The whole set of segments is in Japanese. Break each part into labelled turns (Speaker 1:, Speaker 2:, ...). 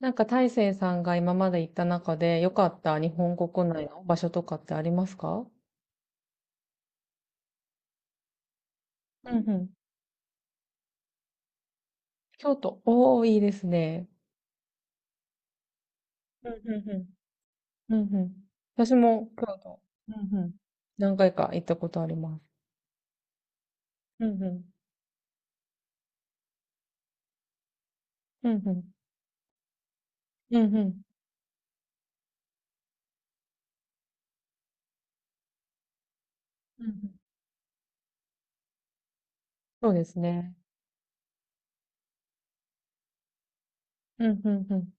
Speaker 1: なんか大成さんが今まで行った中で良かった日本国内の場所とかってありますか？うんうん。京都。おー、いいですね。うんうんうん。うんうん。私も京都。うんうん。何回か行ったことあります。うんうん。うんうん。うんうん。うんうん。そうですね。うんうんうん。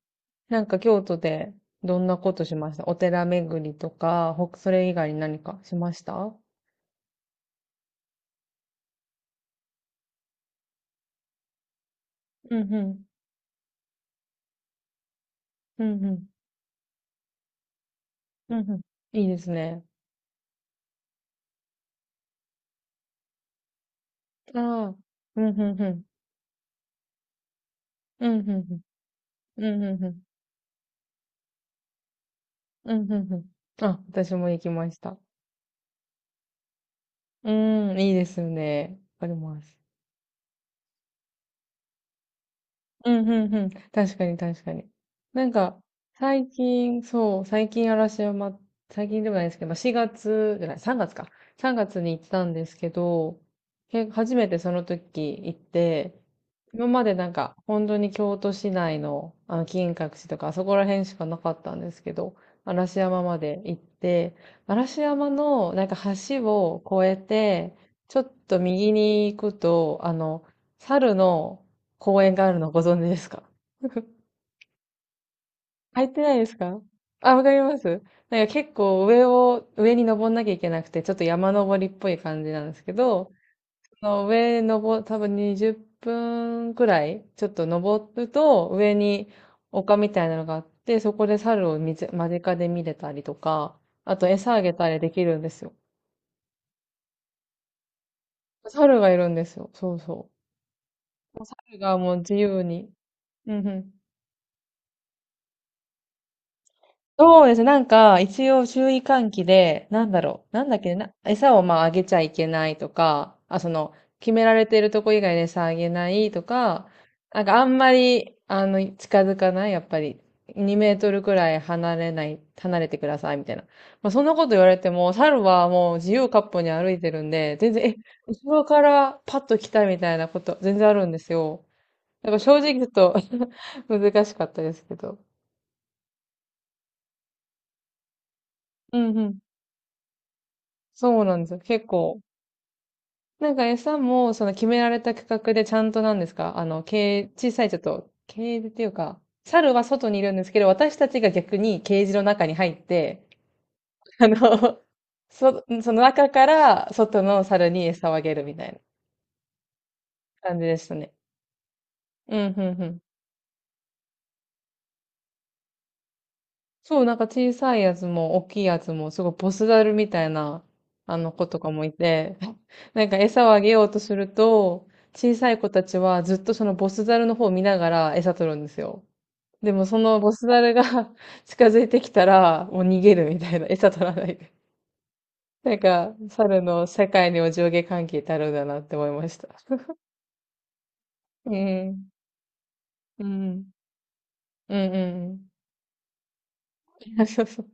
Speaker 1: なんか京都でどんなことしました？お寺巡りとか、それ以外に何かしました？うんうん。うんうん。うんうん。いいですね。ああ、うん、ふんふん。うん、ふんふん。うん、ふんふん。うん、ふんふん。あ、私も行きました。うん、いいですよね。わかります。うん、うん、うん。確かに、確かに。なんか、最近、そう、最近嵐山、最近でもないですけど、まあ、月じゃない、3月か。3月に行ったんですけど、初めてその時行って、今までなんか、本当に京都市内の、あの、金閣寺とか、あそこら辺しかなかったんですけど、嵐山まで行って、嵐山の、なんか橋を越えて、ちょっと右に行くと、あの、猿の公園があるのご存知ですか？ 入ってないですか？あ、わかります。なんか結構上を、上に登んなきゃいけなくて、ちょっと山登りっぽい感じなんですけど、その上登、多分20分くらい、ちょっと登ると、上に丘みたいなのがあって、そこで猿を見つ間近で見れたりとか、あと餌あげたりできるんですよ。猿がいるんですよ。そうそう。猿がもう自由に。うんうん。そうですね。なんか、一応注意喚起で、なんだろう。なんだっけねな、餌をまああげちゃいけないとか、あ、その、決められてるとこ以外で餌あげないとか、なんかあんまり、あの、近づかない、やっぱり。2メートルくらい離れない、離れてください、みたいな。まあ、そんなこと言われても、猿はもう自由に歩いてるんで、全然、後ろからパッと来たみたいなこと、全然あるんですよ。だから正直ちょっと 難しかったですけど。うんうん。そうなんですよ。結構。なんか餌も、その決められた区画でちゃんとなんですか？あの、ケージ、小さいちょっと、ケージっていうか、猿は外にいるんですけど、私たちが逆にケージの中に入って、あの、その中から外の猿に餌をあげるみたいな感じでしたね。うん、うん、うん。そう、なんか小さいやつも大きいやつも、すごいボスザルみたいな、あの子とかもいて、なんか餌をあげようとすると、小さい子たちはずっとそのボスザルの方を見ながら餌取るんですよ。でもそのボスザルが 近づいてきたら、もう逃げるみたいな、餌取らないで。なんか、猿の世界にお上下関係ってあるんだなって思いました。うん。うん。うんうんうん。そうそう。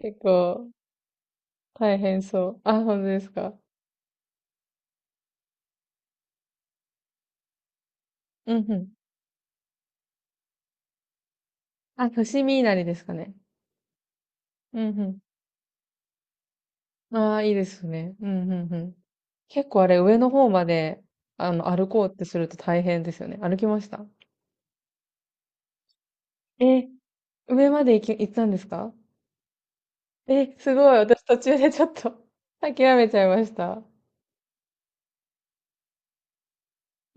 Speaker 1: 結構、大変そう。あ、本当ですか？うんうん。あ、伏見稲荷ですかね。うんうん。ああ、いいですね。うんうんうん。結構あれ、上の方まで、あの、歩こうってすると大変ですよね。歩きました？え、上まで行ったんですか？え、すごい。私途中でちょっと 諦めちゃいました。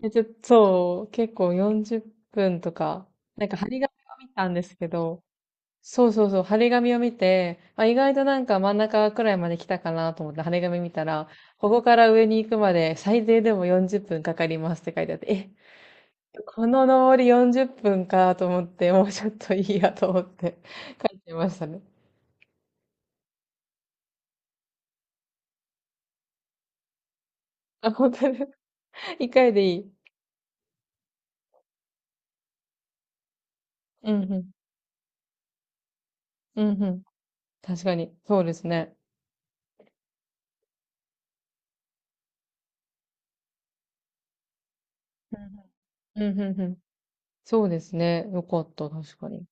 Speaker 1: え、ちょっと、そう、結構40分とか、なんか針金を見たんですけど、そうそうそう、貼り紙を見て、あ、意外となんか真ん中くらいまで来たかなと思って貼り紙見たら、ここから上に行くまで最低でも40分かかりますって書いてあって、え、この登り40分かと思って、もうちょっといいやと思って書いてましたね。あ、本当に 一回でいい。うんうん。うんうん。確かに。そうですね。うんうん。うんうんうん。そうですね。よかった。確かに。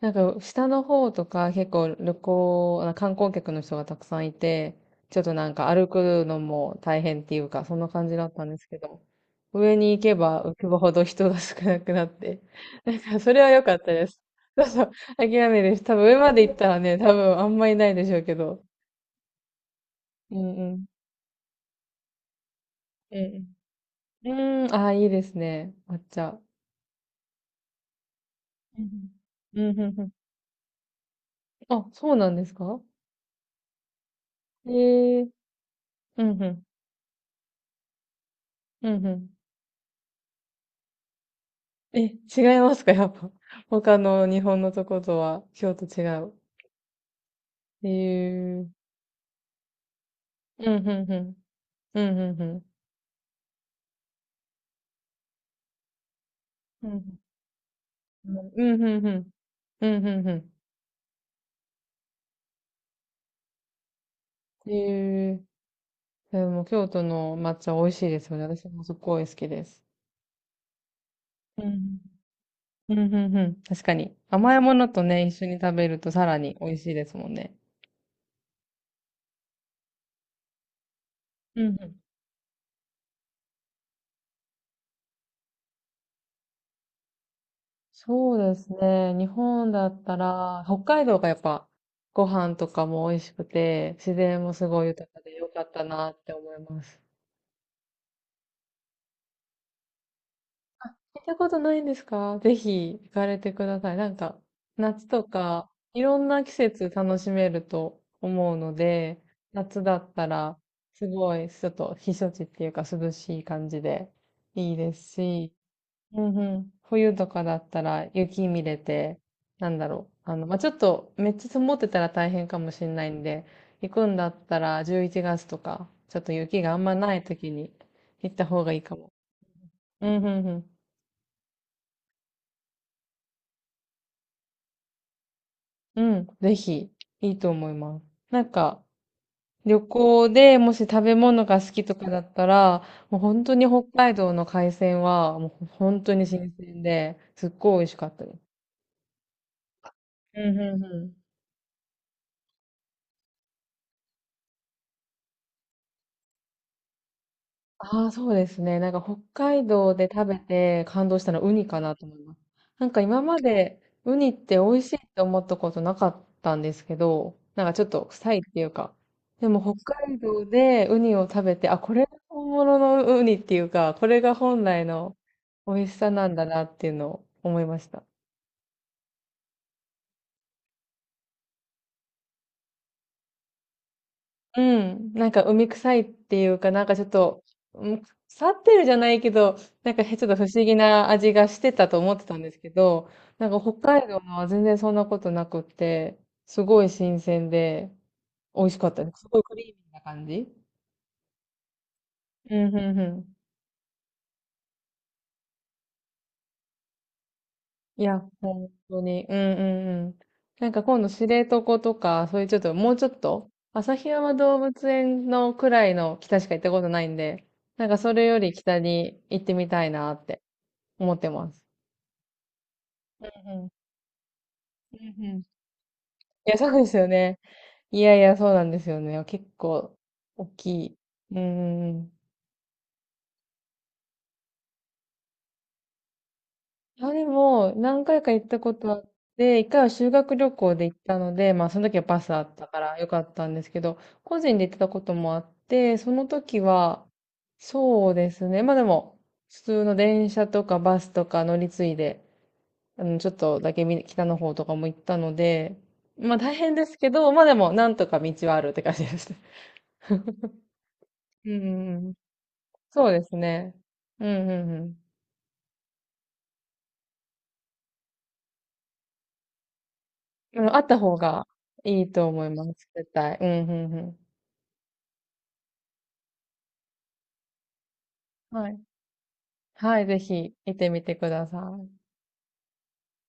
Speaker 1: なんか、下の方とか結構旅行、あ観光客の人がたくさんいて、ちょっとなんか歩くのも大変っていうか、そんな感じだったんですけど、上に行けば浮くほど人が少なくなって、なんかそれは良かったです。そうそう、諦めるし、多分上まで行ったらね、多分あんまりないでしょうけど。うんうん。うんうん。うーん、ああ、いいですね。抹茶。うんうん。うんうんうん。あ、そうなんですか？ええー。うんうん。うんうん。え、違いますか、やっぱ。他の日本のとことは、京都違う。えー。うん、ふんふん。うん、ふんふん。うん、うんうんうん。うん、うんうんうんうんうんうんうんうんうん。えー。でも、京都の抹茶美味しいですよね。私もすっごい好きです。うん。うん、うんうん。確かに。甘いものとね、一緒に食べるとさらに美味しいですもんね。うん、うん。そうですね。日本だったら、北海道がやっぱご飯とかも美味しくて、自然もすごい豊かで良かったなって思います。あ、行ったことないんですか？ぜひ行かれてください。なんか、夏とか、いろんな季節楽しめると思うので、夏だったら、すごい、ちょっと避暑地っていうか涼しい感じでいいですし、うんうん。冬とかだったら雪見れて、なんだろう。あの、まあ、ちょっとめっちゃ積もってたら大変かもしれないんで、行くんだったら11月とか、ちょっと雪があんまない時に行った方がいいかも。うんうんうん。うん、ぜひ、いいと思います。なんか、旅行でもし食べ物が好きとかだったら、もう本当に北海道の海鮮は、もう本当に新鮮で、すっごい美味しかったです。うんうんうん。ああ、そうですね。なんか北海道で食べて感動したのはウニかなと思います。なんか今までウニって美味しいって思ったことなかったんですけど、なんかちょっと臭いっていうか。でも北海道でウニを食べて、あ、これが本物のウニっていうか、これが本来の美味しさなんだなっていうのを思いました。うん、なんか海臭いっていうか、なんかちょっと、うん、腐ってるじゃないけど、なんかちょっと不思議な味がしてたと思ってたんですけど、なんか北海道のは全然そんなことなくって、すごい新鮮で美味しかったです。すごいクリーミーな感じ。うん、うん、うん。いや、本当に。うん、うん、うん。なんか今度知床とか、そういうちょっと、もうちょっと、旭山動物園のくらいの北しか行ったことないんで、なんかそれより北に行ってみたいなって。思ってます。うんうんうんうん。いや、そうですよね。いやいや、そうなんですよね。結構、大きい。うんうんうん。あ、でも、何回か行ったことあって、一回は修学旅行で行ったので、まあ、その時はバスあったからよかったんですけど、個人で行ってたこともあって、その時は、そうですね。まあでも、普通の電車とかバスとか乗り継いで、あの、ちょっとだけ北の方とかも行ったので、まあ大変ですけど、まあでも、なんとか道はあるって感じです。うんうんうん。そうですね。うんうんうん。うん。あった方がいいと思います。絶対。うんうんうん。はい。はい、ぜひ行ってみてください。